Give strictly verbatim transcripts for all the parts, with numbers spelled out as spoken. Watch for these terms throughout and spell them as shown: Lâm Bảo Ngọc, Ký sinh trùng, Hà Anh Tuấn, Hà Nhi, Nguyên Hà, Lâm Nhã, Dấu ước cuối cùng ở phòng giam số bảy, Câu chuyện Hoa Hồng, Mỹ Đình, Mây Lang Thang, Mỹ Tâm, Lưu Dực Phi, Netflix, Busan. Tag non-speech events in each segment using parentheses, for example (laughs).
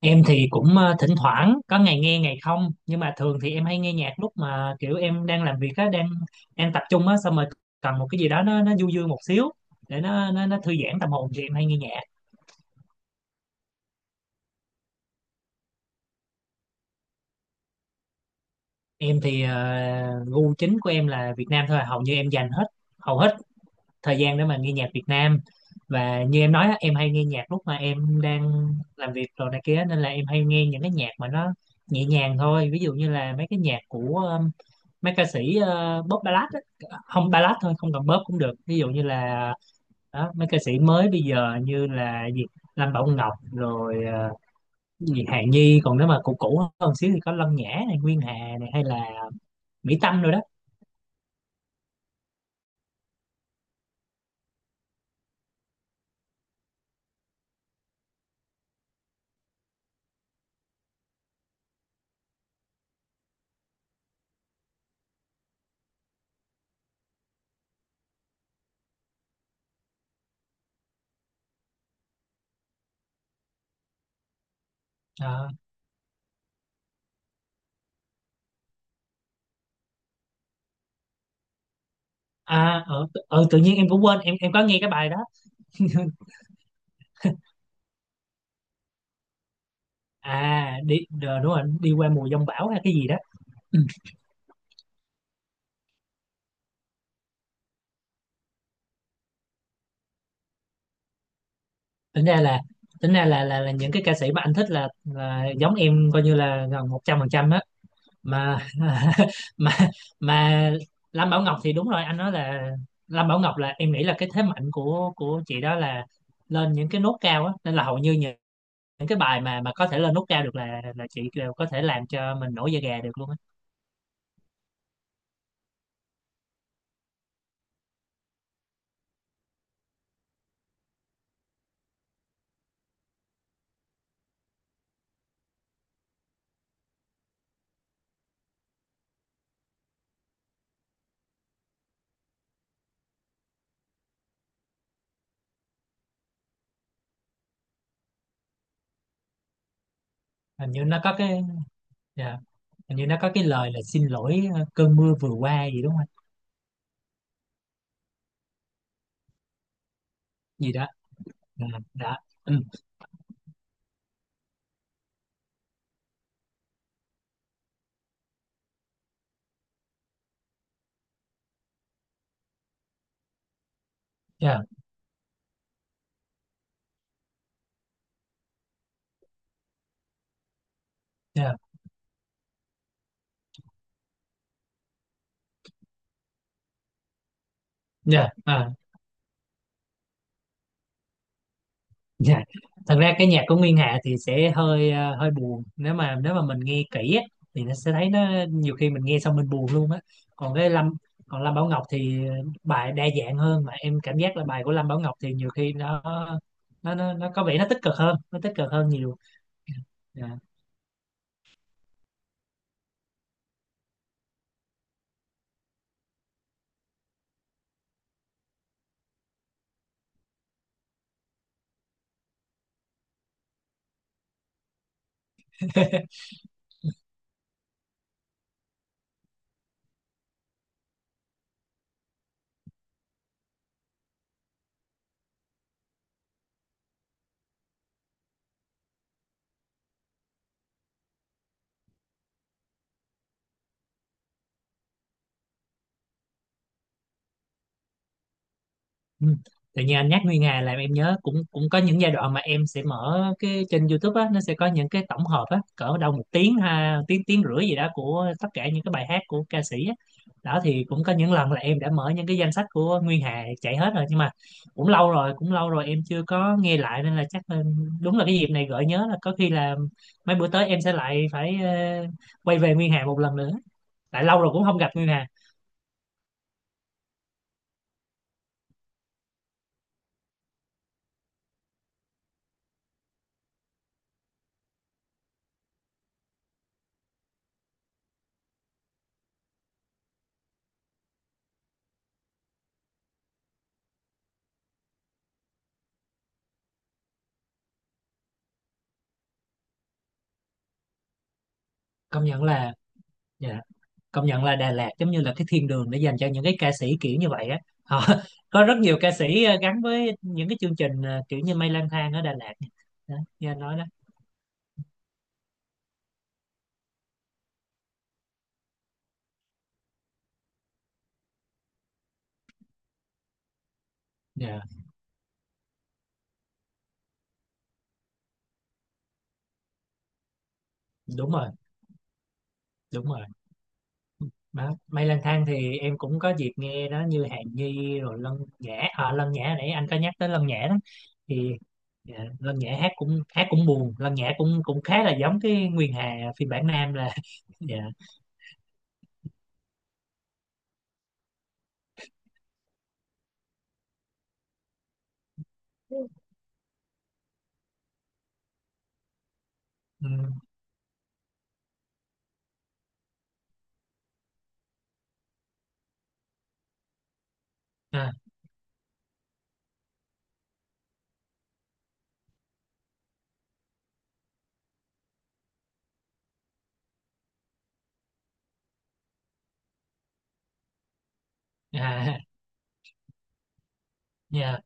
Em thì cũng ờ, thỉnh thoảng có ngày nghe ngày không, nhưng mà thường thì em hay nghe nhạc lúc mà kiểu em đang làm việc á, đang đang tập trung á, xong rồi cần một cái gì đó nó nó du dương một xíu để nó nó, nó thư giãn tâm hồn, thì em hay nghe nhạc. Em thì ờ, gu chính của em là Việt Nam thôi à. Hầu như em dành hết, hầu hết thời gian để mà nghe nhạc Việt Nam. Và như em nói á, em hay nghe nhạc lúc mà em đang làm việc rồi này kia, nên là em hay nghe những cái nhạc mà nó nhẹ nhàng thôi, ví dụ như là mấy cái nhạc của mấy ca sĩ ờ, pop ballad á, không ballad thôi không cần pop cũng được, ví dụ như là đó, mấy ca sĩ mới bây giờ như là gì Lâm Bảo Ngọc rồi ờ, gì Hà Nhi, còn nếu mà cũ cũ hơn xíu thì có Lâm Nhã này, Nguyên Hà này, hay là Mỹ Tâm rồi đó. Ờ, à ờ, tự- ờ, tự nhiên em cũng quên, em em có nghe cái bài đó. À đi đờ, đúng rồi, đi qua mùa giông bão hay cái gì đó. Tính ra là tính ra là là, là những cái ca sĩ mà anh thích là, là giống em, coi như là gần một trăm phần trăm mà (laughs) mà mà Lam Bảo Ngọc thì đúng rồi anh nói là Lam Bảo Ngọc, là em nghĩ là cái thế mạnh của của chị đó là lên những cái nốt cao á, nên là hầu như những những cái bài mà mà có thể lên nốt cao được là là chị đều có thể làm cho mình nổi da gà được luôn á. Hình như nó có cái, dạ, hình như nó có cái lời là xin lỗi ờ, cơn mưa vừa qua gì đúng không anh? Gì đó. Ừ, đó. Ừ, dạ, dạ, dạ, à, dạ. Thật ra cái nhạc của Nguyên Hà thì sẽ hơi ờ, hơi buồn, nếu mà nếu mà mình nghe kỹ á, thì nó sẽ thấy nó, nhiều khi mình nghe xong mình buồn luôn á. Còn cái Lâm còn Lâm Bảo Ngọc thì bài đa dạng hơn, mà em cảm giác là bài của Lâm Bảo Ngọc thì nhiều khi nó nó nó, nó có vẻ nó tích cực hơn, nó tích cực hơn nhiều. Dạ. Ừ. Tự nhiên anh nhắc Nguyên Hà làm em nhớ, cũng cũng có những giai đoạn mà em sẽ mở cái trên YouTube á, nó sẽ có những cái tổng hợp á cỡ đâu một tiếng, ha tiếng tiếng rưỡi gì đó, của tất cả những cái bài hát của ca sĩ á. Đó thì cũng có những lần là em đã mở những cái danh sách của Nguyên Hà chạy hết rồi, nhưng mà cũng lâu rồi cũng lâu rồi em chưa có nghe lại, nên là chắc là đúng là cái dịp này gợi nhớ, là có khi là mấy bữa tới em sẽ lại phải ờ, quay về Nguyên Hà một lần nữa, tại lâu rồi cũng không gặp Nguyên Hà. Công nhận là, dạ, công nhận là Đà Lạt giống như là cái thiên đường để dành cho những cái ca sĩ kiểu như vậy á, họ (laughs) có rất nhiều ca sĩ ờ, gắn với những cái chương trình ờ, kiểu như Mây Lang Thang ở Đà Lạt, đó, như anh nói đó. Dạ, đúng rồi, đúng rồi đó. Mây Lang Thang thì em cũng có dịp nghe đó, như Hàn Ni rồi Lân Nhã, à, Lân Nhã nãy anh có nhắc tới Lân Nhã đó, thì dạ, Lân Nhã hát cũng hát cũng buồn, Lân Nhã cũng cũng khá là giống cái Nguyên Hà phiên bản nam là (laughs) dạ. Ừ. À, à, (laughs) dạ.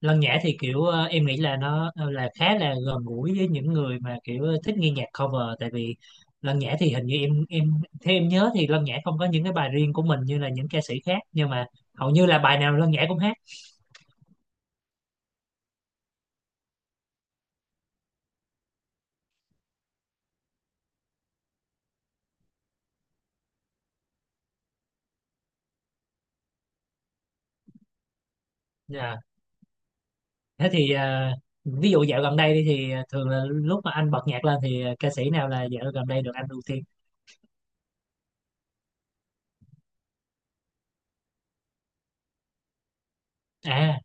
Lân Nhã thì kiểu ờ, em nghĩ là nó ờ, là khá là gần gũi với những người mà kiểu ờ, thích nghe nhạc cover, tại vì Lân Nhã thì hình như em em theo em nhớ thì Lân Nhã không có những cái bài riêng của mình như là những ca sĩ khác, nhưng mà hầu như là bài nào Lân Nhã cũng hát. Dạ. Thế thì ờ, ví dụ dạo gần đây đi, thì ờ, thường là lúc mà anh bật nhạc lên thì ờ, ca sĩ nào là dạo gần đây được anh ưu tiên? À,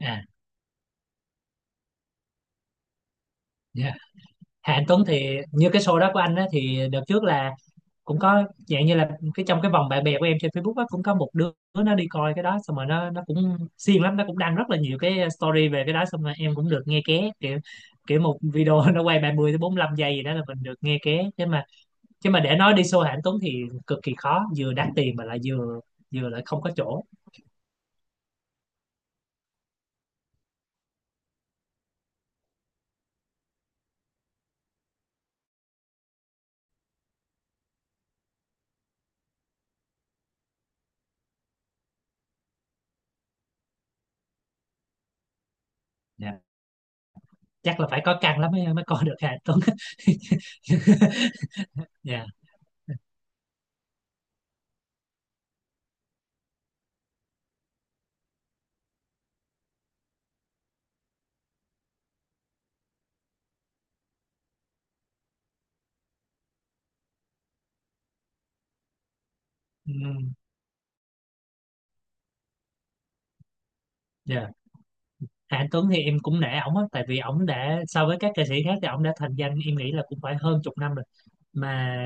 à, dạ. Hà Anh Tuấn thì như cái show đó của anh á, thì đợt trước là cũng có dạng như là cái trong cái vòng bạn bè của em trên Facebook á, cũng có một đứa nó đi coi cái đó, xong rồi nó nó cũng siêng lắm, nó cũng đăng rất là nhiều cái story về cái đó, xong rồi em cũng được nghe ké, kiểu kiểu một video (laughs) nó quay ba mươi tới bốn lăm giây gì đó là mình được nghe ké, chứ mà chứ mà để nói đi show Hàng Tuấn thì cực kỳ khó, vừa đắt tiền mà lại vừa, vừa lại không có chỗ. Dạ. Chắc là phải có căn lắm mới mới coi được Hàng Tuấn. (laughs) Dạ. Ừm, dạ. Hà Anh Tuấn thì em cũng nể ổng á, tại vì ổng đã, so với các ca sĩ khác thì ổng đã thành danh em nghĩ là cũng phải hơn chục năm rồi, mà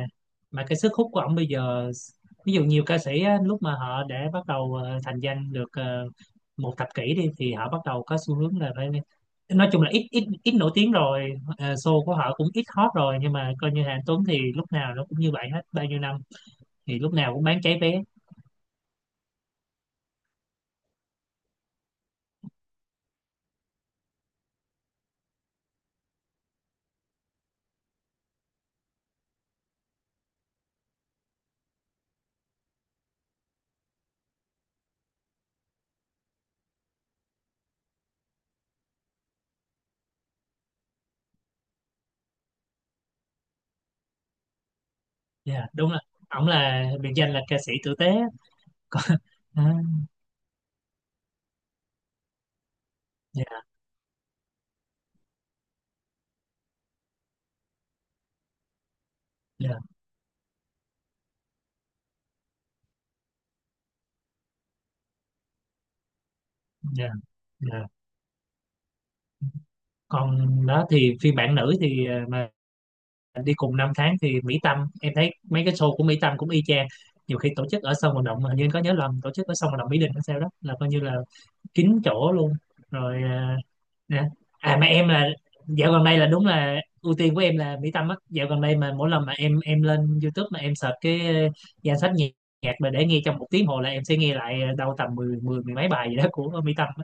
mà cái sức hút của ông bây giờ, ví dụ nhiều ca sĩ á, lúc mà họ đã bắt đầu ờ, thành danh được ờ, một thập kỷ đi, thì họ bắt đầu có xu hướng là phải, nói chung là ít ít ít nổi tiếng rồi, ờ, show của họ cũng ít hot rồi, nhưng mà coi như Hà Anh Tuấn thì lúc nào nó cũng như vậy hết bao nhiêu năm, thì lúc nào cũng bán cháy vé. Dạ đúng rồi, ổng là biệt danh là ca sĩ tử tế. (laughs) Còn, à, dạ, dạ, dạ, dạ. Còn đó thì phiên bản nữ thì ờ, mà đi cùng năm tháng thì Mỹ Tâm, em thấy mấy cái show của Mỹ Tâm cũng y chang, nhiều khi tổ chức ở sân vận động, hình như anh có nhớ lầm tổ chức ở sân vận động Mỹ Đình hay sao đó, là coi như là kín chỗ luôn rồi à, nè. À mà em là dạo gần đây là đúng là ưu tiên của em là Mỹ Tâm á, dạo gần đây mà mỗi lần mà em em lên YouTube mà em search cái ờ, danh sách nhạc, nhạc mà để nghe trong một tiếng hồ là em sẽ nghe lại đâu tầm mười mười mười mấy bài gì đó của Mỹ Tâm á.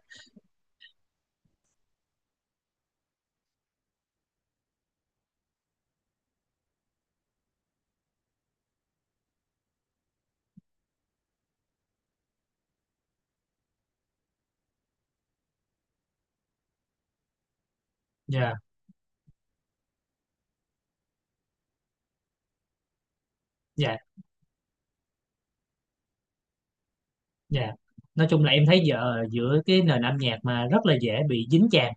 Dạ, dạ. Dạ. Nói chung là em thấy giờ giữa cái nền âm nhạc mà rất là dễ bị dính chàm,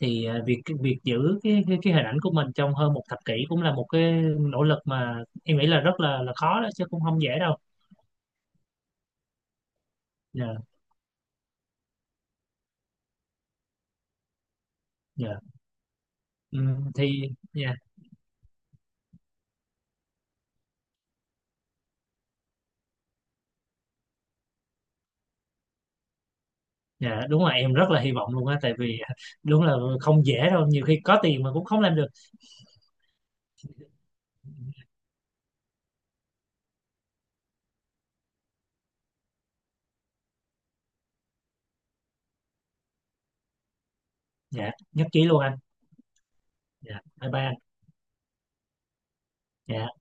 thì ờ, việc việc giữ cái cái, cái hình ảnh của mình trong hơn một thập kỷ cũng là một cái nỗ lực, mà em nghĩ là rất là là khó đó chứ, cũng không dễ đâu. Dạ, dạ. Ừm, thì dạ, dạ đúng là em rất là hy vọng luôn á, tại vì à, đúng là không dễ đâu, nhiều khi có tiền mà cũng không làm được. Dạ, nhất trí luôn anh. Dạ, bye bye anh. Dạ.